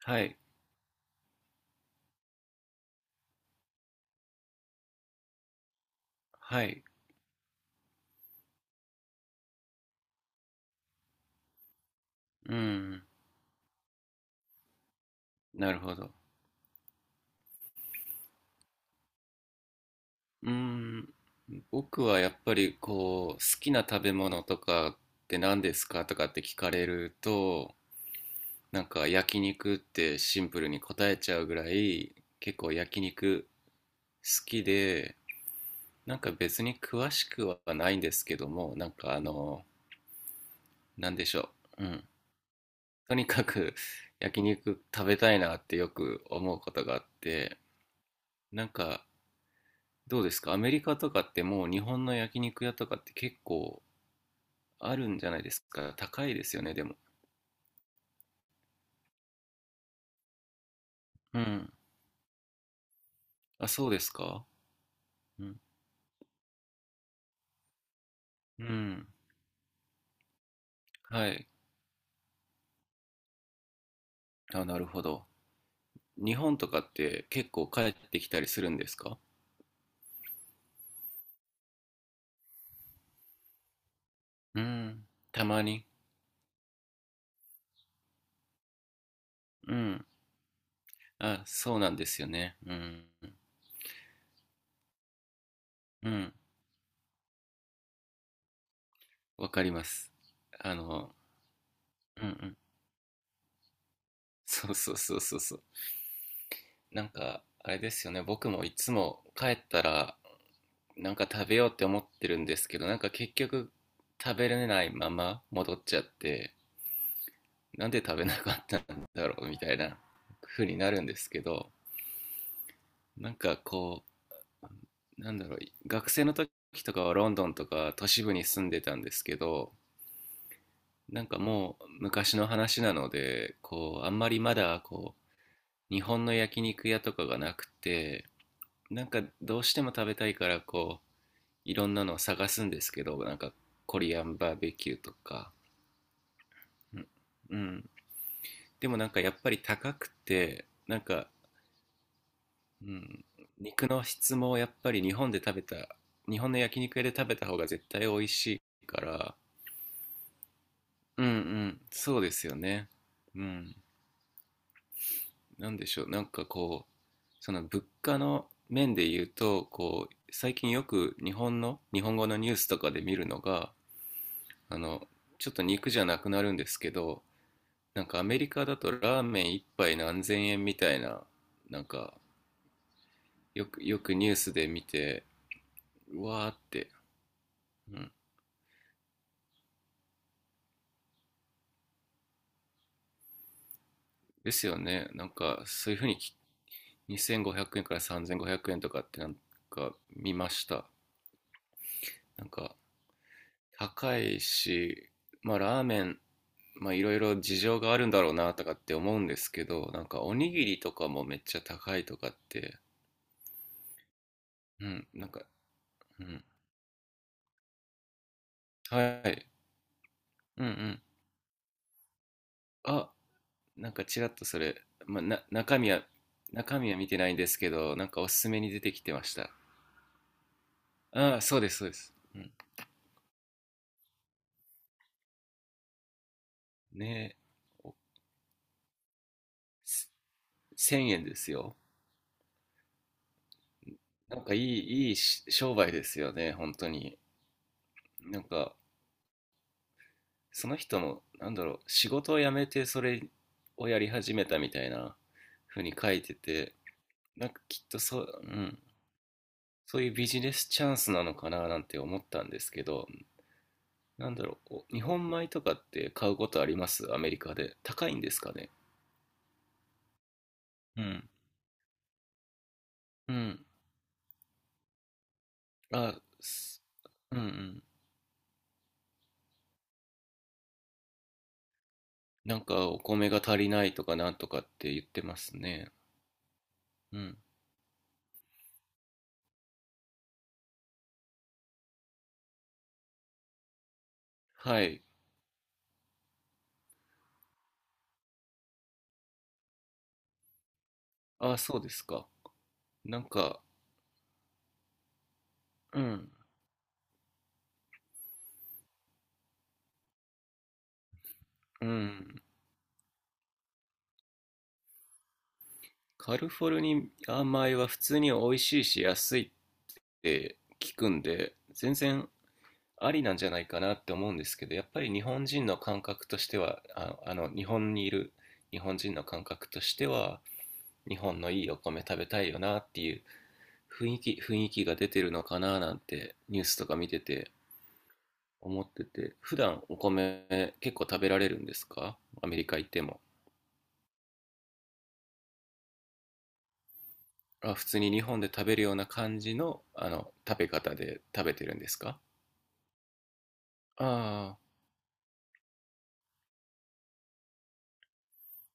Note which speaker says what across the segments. Speaker 1: はい、はい、うん、なるほど。うん、僕はやっぱりこう、好きな食べ物とかって何ですかとかって聞かれると、なんか焼肉ってシンプルに答えちゃうぐらい、結構焼肉好きで、なんか別に詳しくはないんですけども、なんかあの、なんでしょう。うん。とにかく 焼肉食べたいなってよく思うことがあって、なんかどうですか？アメリカとかってもう日本の焼肉屋とかって結構あるんじゃないですか？高いですよね、でも。うん。あ、そうですか。うん。うん。はい。あ、なるほど。日本とかって結構帰ってきたりするんですか？うん。たまに。うん。あ、そうなんですよね。うん。うん。わかります。あの、うんうん。そうそうそうそうそう。なんか、あれですよね、僕もいつも帰ったら、なんか食べようって思ってるんですけど、なんか結局食べれないまま戻っちゃって、なんで食べなかったんだろうみたいな風になるんですけど、なんかこう、なんだろう、学生の時とかはロンドンとか都市部に住んでたんですけど、なんかもう昔の話なので、こう、あんまりまだこう、日本の焼肉屋とかがなくて、なんかどうしても食べたいからこう、いろんなのを探すんですけどなんかコリアンバーベキューとか、うんうん、でもなんかやっぱり高くてなんか、うん、肉の質もやっぱり日本の焼肉屋で食べた方が絶対美味しいから。うんうん、そうですよね。うん。なんでしょう、なんかこうその物価の面で言うとこう最近よく日本の日本語のニュースとかで見るのが、あの、ちょっと肉じゃなくなるんですけど、なんかアメリカだとラーメン一杯何千円みたいな、なんかよくニュースで見て、うわーって。うん。ですよね。なんかそういうふうに2500円から3500円とかってなんか見ました。なんか高いし、まあラーメン、まあいろいろ事情があるんだろうなとかって思うんですけど、なんかおにぎりとかもめっちゃ高いとかって、うん、なんか、うん。はい。うんうん。あ、なんかちらっとそれ、まあ、な中身は中身は見てないんですけど、なんかおすすめに出てきてました。ああ、そうですそうです、うん、ねえ、おせ1000円ですよ。なんかいいいいし商売ですよね、本当に。なんかその人のなんだろう、仕事を辞めてそれをやり始めたみたいな風に書いてて、なんかきっとそう、うん、そういうビジネスチャンスなのかななんて思ったんですけど、なんだろう、日本米とかって買うことありますアメリカで？高いんですかね？うん。うん。あ、すうんうん。なんかお米が足りないとかなんとかって言ってますね。うん。はい。あ、そうですか。なんか、うん、うん。カリフォルニア米は普通に美味しいし安いって聞くんで、全然ありなんじゃないかなって思うんですけど、やっぱり日本人の感覚としては、あ、あの、日本にいる日本人の感覚としては、日本のいいお米食べたいよなっていう雰囲気が出てるのかななんてニュースとか見てて思ってて、普段お米結構食べられるんですか？アメリカ行っても。あ、普通に日本で食べるような感じの、あの、食べ方で食べてるんですか？ああ、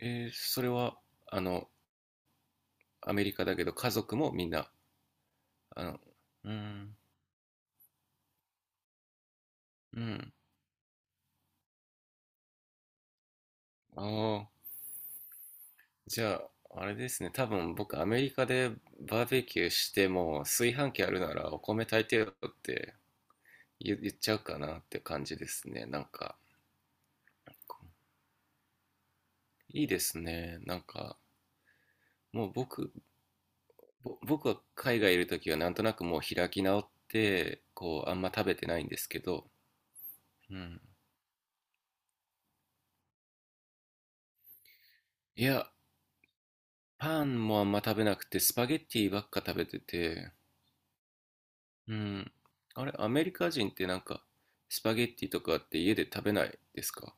Speaker 1: えー、それは、あの、アメリカだけど家族もみんな、あの、うーん、うん。ああ、じゃあ、あれですね。多分僕、アメリカでバーベキューしても、炊飯器あるならお米炊いてよって言っちゃうかなって感じですね。なんか、いいですね。なんか、もう僕は海外いるときはなんとなくもう開き直って、こう、あんま食べてないんですけど、うん。いや、パンもあんま食べなくて、スパゲッティばっか食べてて、うん。あれ、アメリカ人ってなんか、スパゲッティとかって家で食べないですか？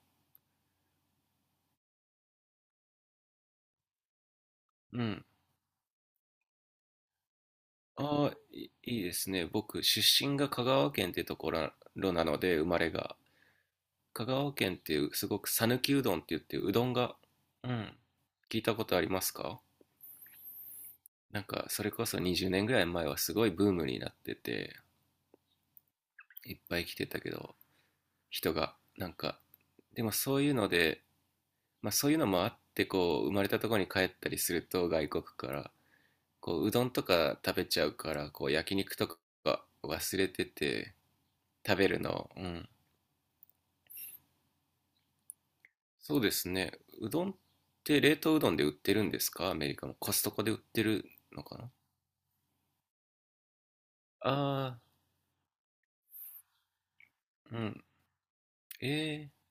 Speaker 1: うん。ああ、いいですね。僕、出身が香川県ってところなので、生まれが。香川県っていう、すごく讃岐うどんって言って、うどんが、うん、聞いたことありますか？なんか、それこそ20年ぐらい前はすごいブームになってて、いっぱい来てたけど、人が、なんか、でもそういうので、まあそういうのもあって、こう、生まれたところに帰ったりすると、外国から、こううどんとか食べちゃうからこう焼肉とか忘れてて食べるの、うん、そうですね。うどんって冷凍うどんで売ってるんですか？アメリカもコストコで売ってるのかな？ああー、うん、ええー、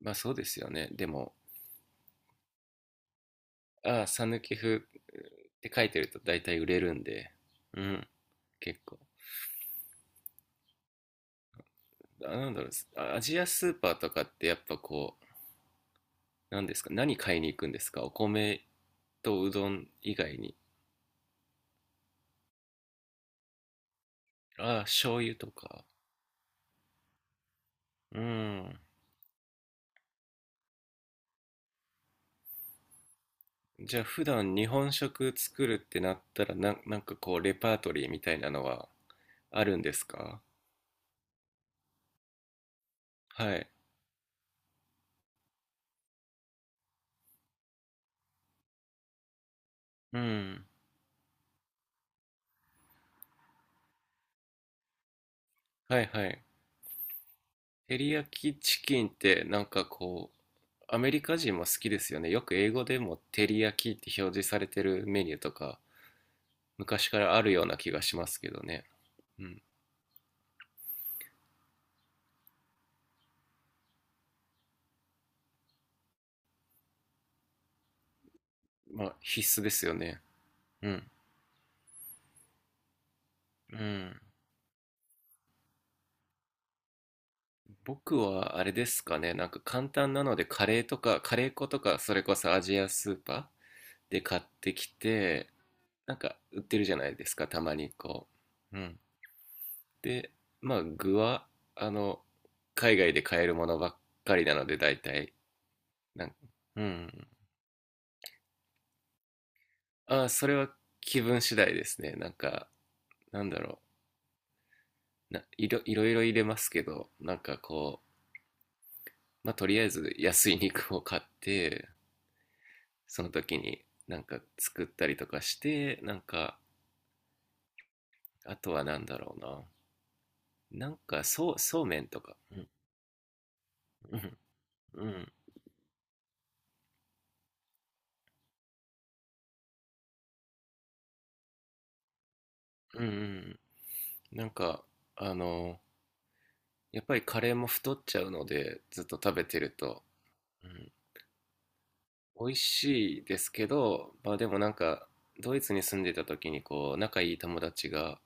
Speaker 1: まあそうですよね、でも。ああ、讃岐風って書いてると大体売れるんで。うん、結構。あ、なんだろう、あ、アジアスーパーとかってやっぱこう、何ですか？何買いに行くんですか？お米とうどん以外に。ああ、醤油とか。うん。じゃあ普段日本食作るってなったらなんかこうレパートリーみたいなのはあるんですか？はい。うん。はいはい。照り焼きチキンってなんかこう、アメリカ人も好きですよね。よく英語でも照り焼きって表示されてるメニューとか、昔からあるような気がしますけどね。うん。まあ必須ですよね。うん。うん。僕はあれですかね、なんか簡単なのでカレーとか、カレー粉とか、それこそアジアスーパーで買ってきて、なんか売ってるじゃないですか、たまにこう。うん。で、まあ具は、あの、海外で買えるものばっかりなので、大体、なんうん。ああ、それは気分次第ですね。なんか、なんだろう。な、いろ、いろいろ入れますけど、なんかこう、まあとりあえず安い肉を買って、その時になんか作ったりとかして、なんかあとはなんだろうな、なんかそうそうめんとか、うんうんうんうんうん、なんかあの、やっぱりカレーも太っちゃうのでずっと食べてると、うん、美味しいですけど、まあでもなんかドイツに住んでた時にこう仲いい友達が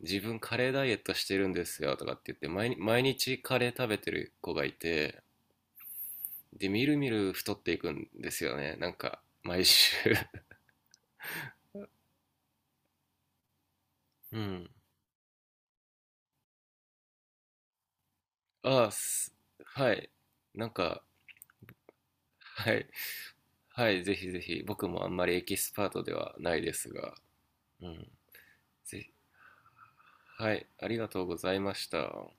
Speaker 1: 自分カレーダイエットしてるんですよとかって言って、毎日毎日カレー食べてる子がいて、で、みるみる太っていくんですよね。なんか、毎週 うん。ああ、はい。なんか、はい。はい、ぜひぜひ。僕もあんまりエキスパートではないですが。うん。ぜひ。はい、ありがとうございました。